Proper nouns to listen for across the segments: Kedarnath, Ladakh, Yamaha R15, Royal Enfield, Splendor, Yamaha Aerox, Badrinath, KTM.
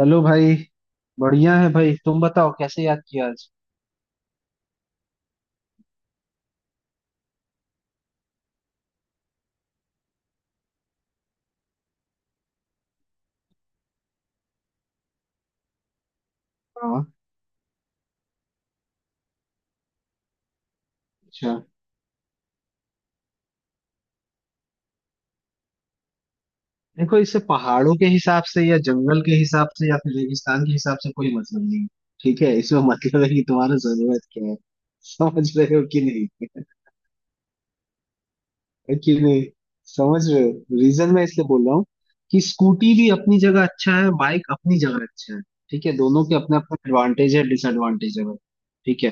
चलो भाई। बढ़िया है भाई तुम बताओ कैसे याद किया आज। हाँ। अच्छा। देखो इससे पहाड़ों के हिसाब से या जंगल के हिसाब से या फिर रेगिस्तान के हिसाब से कोई मतलब नहीं है, ठीक है। इसमें मतलब है कि तुम्हारा जरूरत क्या है। समझ रहे हो कि नहीं। है कि नहीं। समझ रहे हो। रीजन मैं इसलिए बोल रहा हूँ कि स्कूटी भी अपनी जगह अच्छा है बाइक अपनी जगह अच्छा है। ठीक है, दोनों के अपने अपने एडवांटेज है डिसएडवांटेज है भाई। ठीक है।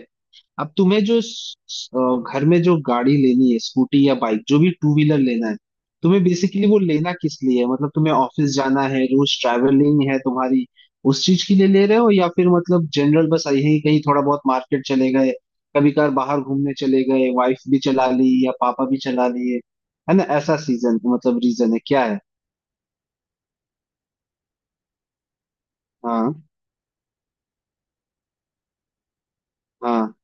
अब तुम्हें जो घर में जो गाड़ी लेनी है स्कूटी या बाइक जो भी टू व्हीलर लेना है, तुम्हें बेसिकली वो लेना किस लिए है। मतलब तुम्हें ऑफिस जाना है, रोज ट्रैवलिंग है तुम्हारी, उस चीज के लिए ले रहे हो, या फिर मतलब जनरल बस आई है कहीं थोड़ा बहुत मार्केट चले गए, कभी कभार बाहर घूमने चले गए, वाइफ भी चला ली या पापा भी चला लिए। है ना, ऐसा सीजन मतलब रीजन है क्या है। हाँ हाँ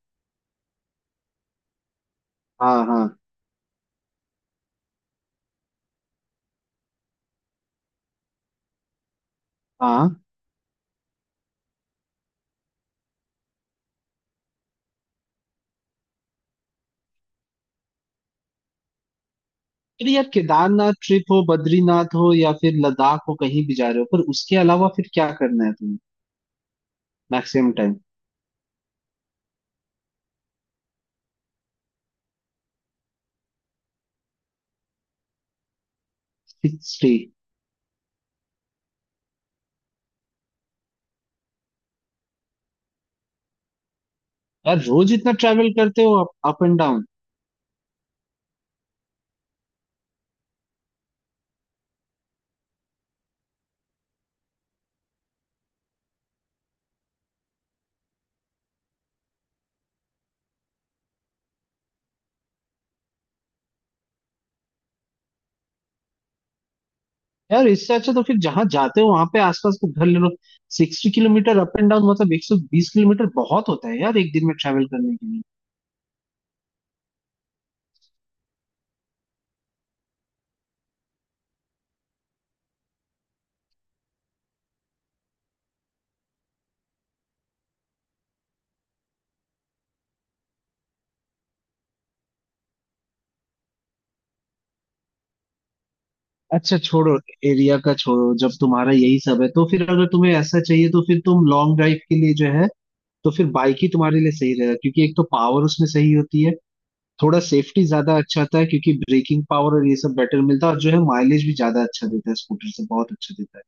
हाँ हाँ हाँ। अरे यार केदारनाथ ट्रिप हो बद्रीनाथ हो या फिर लद्दाख हो कहीं भी जा रहे हो पर उसके अलावा फिर क्या करना है तुम्हें। Maximum time. स्टे। यार रोज इतना ट्रैवल करते हो, अप एंड डाउन। यार इससे अच्छा तो फिर जहां जाते हो वहां पे आसपास को घर ले लो। 60 किलोमीटर अप एंड डाउन मतलब 120 किलोमीटर बहुत होता है यार एक दिन में ट्रैवल करने के लिए। अच्छा छोड़ो। एरिया का छोड़ो। जब तुम्हारा यही सब है तो फिर अगर तुम्हें ऐसा चाहिए तो फिर तुम लॉन्ग ड्राइव के लिए जो है तो फिर बाइक ही तुम्हारे लिए सही रहेगा, क्योंकि एक तो पावर उसमें सही होती है। थोड़ा सेफ्टी ज्यादा अच्छा था, क्योंकि ब्रेकिंग पावर और ये सब बेटर मिलता है और जो है माइलेज भी ज्यादा अच्छा देता है, स्कूटर से बहुत अच्छा देता है।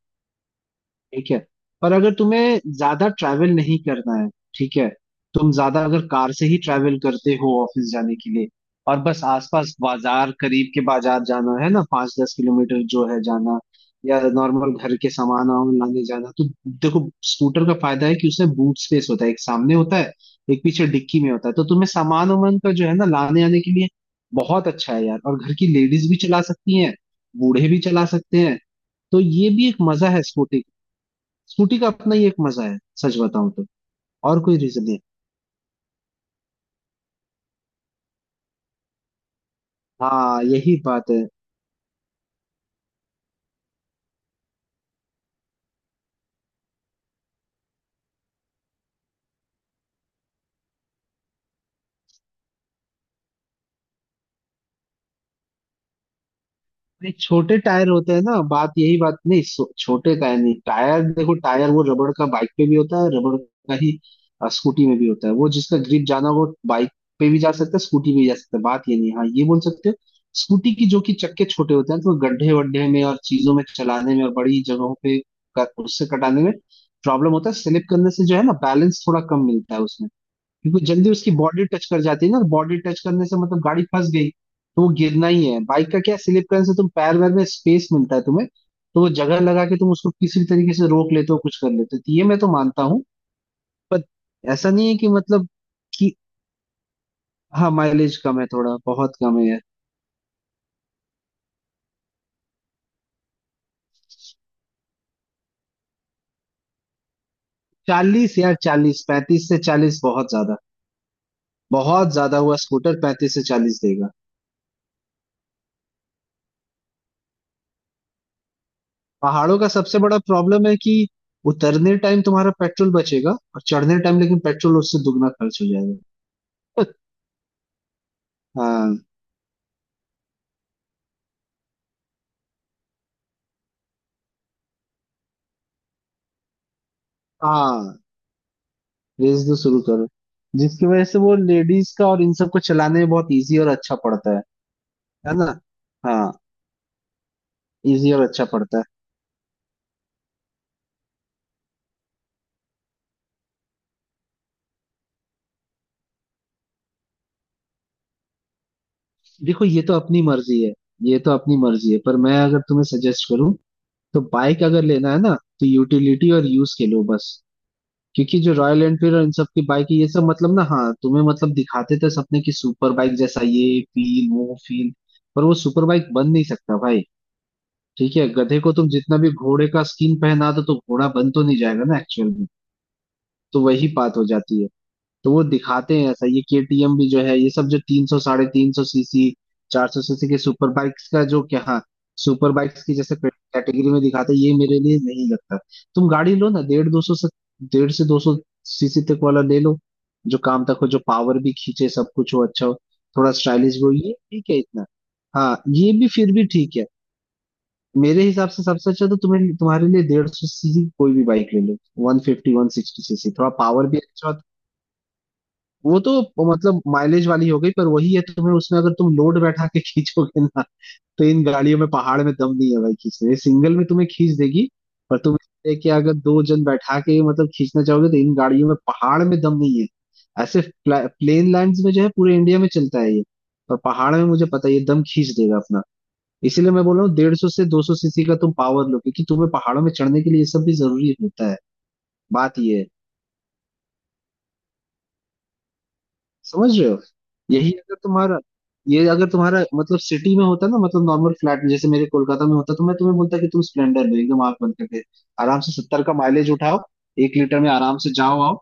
ठीक है। पर अगर तुम्हें ज्यादा ट्रैवल नहीं करना है, ठीक है, तुम ज्यादा अगर कार से ही ट्रैवल करते हो ऑफिस जाने के लिए, और बस आसपास बाजार, करीब के बाजार जाना है ना, पाँच दस किलोमीटर जो है जाना, या नॉर्मल घर के सामान वामान लाने जाना, तो देखो स्कूटर का फायदा है कि उसमें बूट स्पेस होता है, एक सामने होता है एक पीछे डिक्की में होता है, तो तुम्हें सामान वामान का जो है ना लाने आने के लिए बहुत अच्छा है यार। और घर की लेडीज भी चला सकती हैं, बूढ़े भी चला सकते हैं। तो ये भी एक मजा है स्कूटी। स्कूटी का अपना ही एक मजा है सच बताऊं तो। और कोई रीजन नहीं। हाँ यही बात है। नहीं, छोटे टायर होते हैं ना, बात यही बात नहीं, छोटे टायर नहीं। टायर देखो, टायर वो रबड़ का, बाइक पे भी होता है रबड़ का ही, स्कूटी में भी होता है। वो जिसका ग्रिप जाना वो बाइक पे भी जा सकता है, स्कूटी पे भी जा सकता है। बात ये नहीं है। हाँ, ये बोल सकते हो, स्कूटी की जो कि चक्के छोटे होते हैं तो वो गड्ढे वड्ढे में और चीजों में चलाने में और बड़ी जगहों पे उससे कटाने में प्रॉब्लम होता है, स्लिप करने से जो है ना, बैलेंस थोड़ा कम मिलता है उसमें, क्योंकि जल्दी उसकी बॉडी टच कर जाती है ना। बॉडी टच करने से मतलब गाड़ी फंस गई तो वो गिरना ही है। बाइक का क्या, स्लिप करने से तुम पैर वैर में स्पेस मिलता है तुम्हें तो वो जगह लगा के तुम उसको किसी भी तरीके से रोक लेते हो, कुछ कर लेते हो। तो ये मैं तो मानता हूँ। पर ऐसा नहीं है कि मतलब कि, हाँ माइलेज कम है थोड़ा, बहुत कम है यार। 40 यार, चालीस, 35 से 40 बहुत ज्यादा, बहुत ज्यादा हुआ। स्कूटर 35 से 40 देगा। पहाड़ों का सबसे बड़ा प्रॉब्लम है कि उतरने टाइम तुम्हारा पेट्रोल बचेगा और चढ़ने टाइम लेकिन पेट्रोल उससे दुगना खर्च हो जाएगा। हाँ। हाँ। रेस तो शुरू करो, जिसकी वजह से वो लेडीज का और इन सबको चलाने में बहुत इजी और अच्छा पड़ता है। है ना। हाँ। इजी और अच्छा पड़ता है। देखो ये तो अपनी मर्जी है, ये तो अपनी मर्जी है, पर मैं अगर तुम्हें सजेस्ट करूँ तो बाइक अगर लेना है ना तो यूटिलिटी और यूज के लो बस। क्योंकि जो रॉयल एनफील्ड और इन सब की बाइक है ये सब मतलब ना, हाँ, तुम्हें मतलब दिखाते थे सपने की, सुपर बाइक जैसा ये फील वो फील, पर वो सुपर बाइक बन नहीं सकता भाई। ठीक है, गधे को तुम जितना भी घोड़े का स्किन पहना दो तो घोड़ा बन तो नहीं जाएगा ना एक्चुअल में। तो वही बात हो जाती है। तो वो दिखाते हैं ऐसा, ये केटीएम भी जो है, ये सब जो 300 साढ़े 300 सीसी, 400 सीसी के सुपर बाइक्स का, जो क्या हाँ सुपर बाइक्स की जैसे कैटेगरी में दिखाते हैं, ये मेरे लिए नहीं लगता। तुम गाड़ी लो ना, 150 से 200 सीसी तक वाला ले लो। जो काम तक हो, जो पावर भी खींचे, सब कुछ हो, अच्छा हो, थोड़ा स्टाइलिश भी हो, ये ठीक है इतना। हाँ ये भी फिर भी ठीक है। मेरे हिसाब से सबसे अच्छा तो तुम्हें, तुम्हारे लिए 150 सीसी कोई भी बाइक ले लो। 150 160 सीसी, थोड़ा पावर भी अच्छा वो तो मतलब माइलेज वाली हो गई। पर वही है, तुम्हें उसमें अगर तुम लोड बैठा के खींचोगे ना, तो इन गाड़ियों में पहाड़ में दम नहीं है भाई। खींचने, सिंगल में तुम्हें खींच देगी। पर तुम इससे कि अगर दो जन बैठा के मतलब खींचना चाहोगे तो इन गाड़ियों में पहाड़ में दम नहीं है। ऐसे प्लेन लैंड्स में जो है पूरे इंडिया में चलता है ये। पर पहाड़ में मुझे पता है ये दम खींच देगा अपना। इसीलिए मैं बोल रहा हूँ 150 से 200 सीसी का तुम पावर लो, क्योंकि तुम्हें पहाड़ों में चढ़ने के लिए ये सब भी जरूरी होता है। बात ये है। समझ रहे हो। यही अगर तुम्हारा, ये अगर तुम्हारा मतलब सिटी में होता ना, मतलब नॉर्मल फ्लैट में जैसे मेरे कोलकाता में होता, तो मैं तुम्हें बोलता कि तुम स्प्लेंडर लो एकदम आंख बंद करके। आराम से 70 का माइलेज उठाओ एक लीटर में, आराम से जाओ आओ,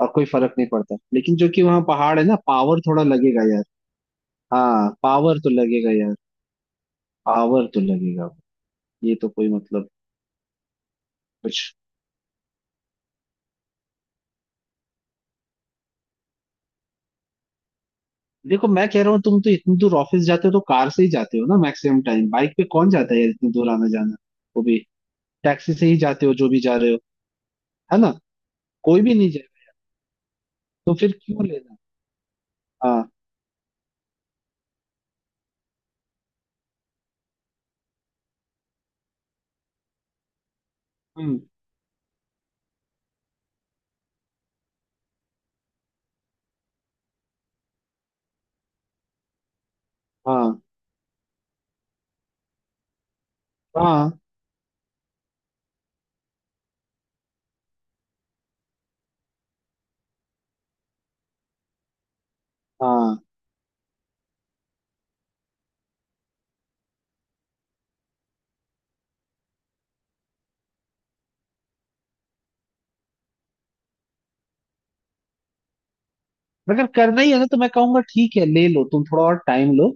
और कोई फर्क नहीं पड़ता। लेकिन जो कि वहाँ पहाड़ है ना, पावर थोड़ा लगेगा यार। हाँ पावर तो लगेगा यार। पावर तो लगेगा। ये तो कोई मतलब कुछ। देखो मैं कह रहा हूँ, तुम तो इतनी दूर ऑफिस जाते हो तो कार से ही जाते हो ना मैक्सिमम टाइम। बाइक पे कौन जाता है यार इतनी दूर आना जाना। वो भी टैक्सी से ही जाते हो, जो भी जा रहे हो। है ना। कोई भी नहीं जाएगा। तो फिर क्यों लेना। हाँ। हम्म। हाँ हाँ हाँ। अगर करना ही है ना तो मैं कहूंगा ठीक है ले लो, तुम थोड़ा और टाइम लो।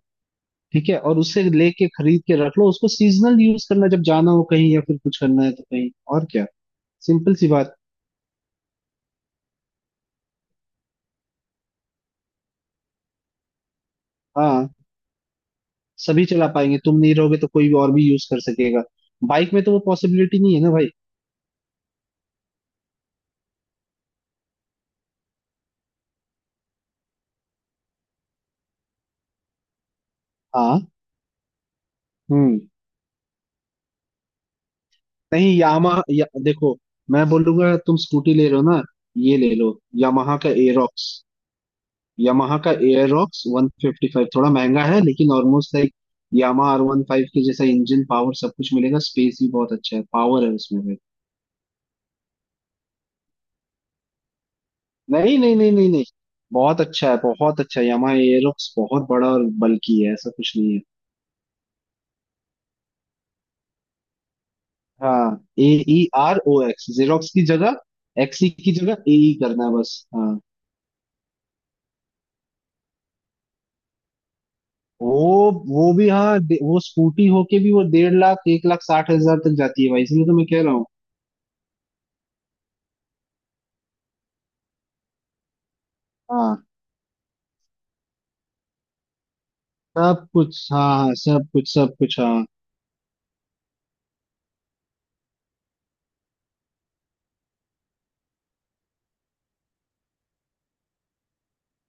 ठीक है। और उससे लेके खरीद के रख लो उसको, सीजनल यूज करना, जब जाना हो कहीं या फिर कुछ करना है तो कहीं। और क्या। सिंपल सी बात। हाँ। सभी चला पाएंगे, तुम नहीं रहोगे तो कोई और भी यूज कर सकेगा। बाइक में तो वो पॉसिबिलिटी नहीं है ना भाई। हाँ। हम्म। नहीं यामा या, देखो मैं बोलूंगा तुम स्कूटी ले लो ना। ये ले लो, यामाहा का एरोक्स। यामाहा का एरोक्स 155 थोड़ा महंगा है, लेकिन ऑलमोस्ट लाइक यामाहा R15 के जैसा इंजन, पावर सब कुछ मिलेगा, स्पेस भी बहुत अच्छा है, पावर है उसमें भी। नहीं नहीं नहीं नहीं नहीं। बहुत अच्छा है, बहुत अच्छा है यामाहा एरोक्स, बहुत बड़ा और बल्की है ऐसा कुछ नहीं है। हाँ। AEROX। जेरोक्स की जगह एक्सी की जगह ए ई करना है बस, हाँ। वो स्कूटी होके भी वो 1.5 लाख, 1,60,000 तक जाती है भाई, इसलिए तो मैं कह रहा हूँ। हाँ सब कुछ, हाँ हाँ सब कुछ, सब कुछ, हाँ।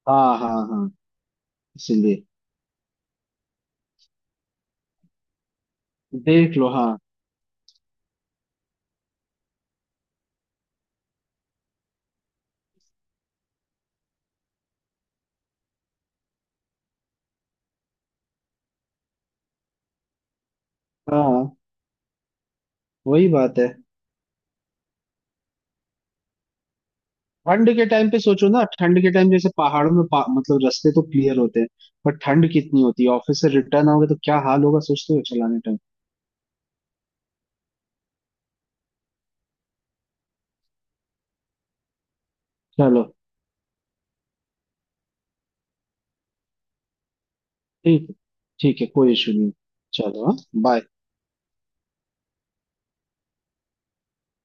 हाँ हाँ हाँ। इसीलिए देख लो। हाँ हाँ। वही बात है। ठंड के टाइम पे सोचो ना, ठंड के टाइम जैसे पहाड़ों में मतलब रास्ते तो क्लियर होते हैं पर ठंड कितनी होती है। ऑफिस से रिटर्न आओगे तो क्या हाल होगा, सोचते हो चलाने टाइम। चलो। ठीक है। ठीक है, कोई इशू नहीं। चलो हाँ। बाय।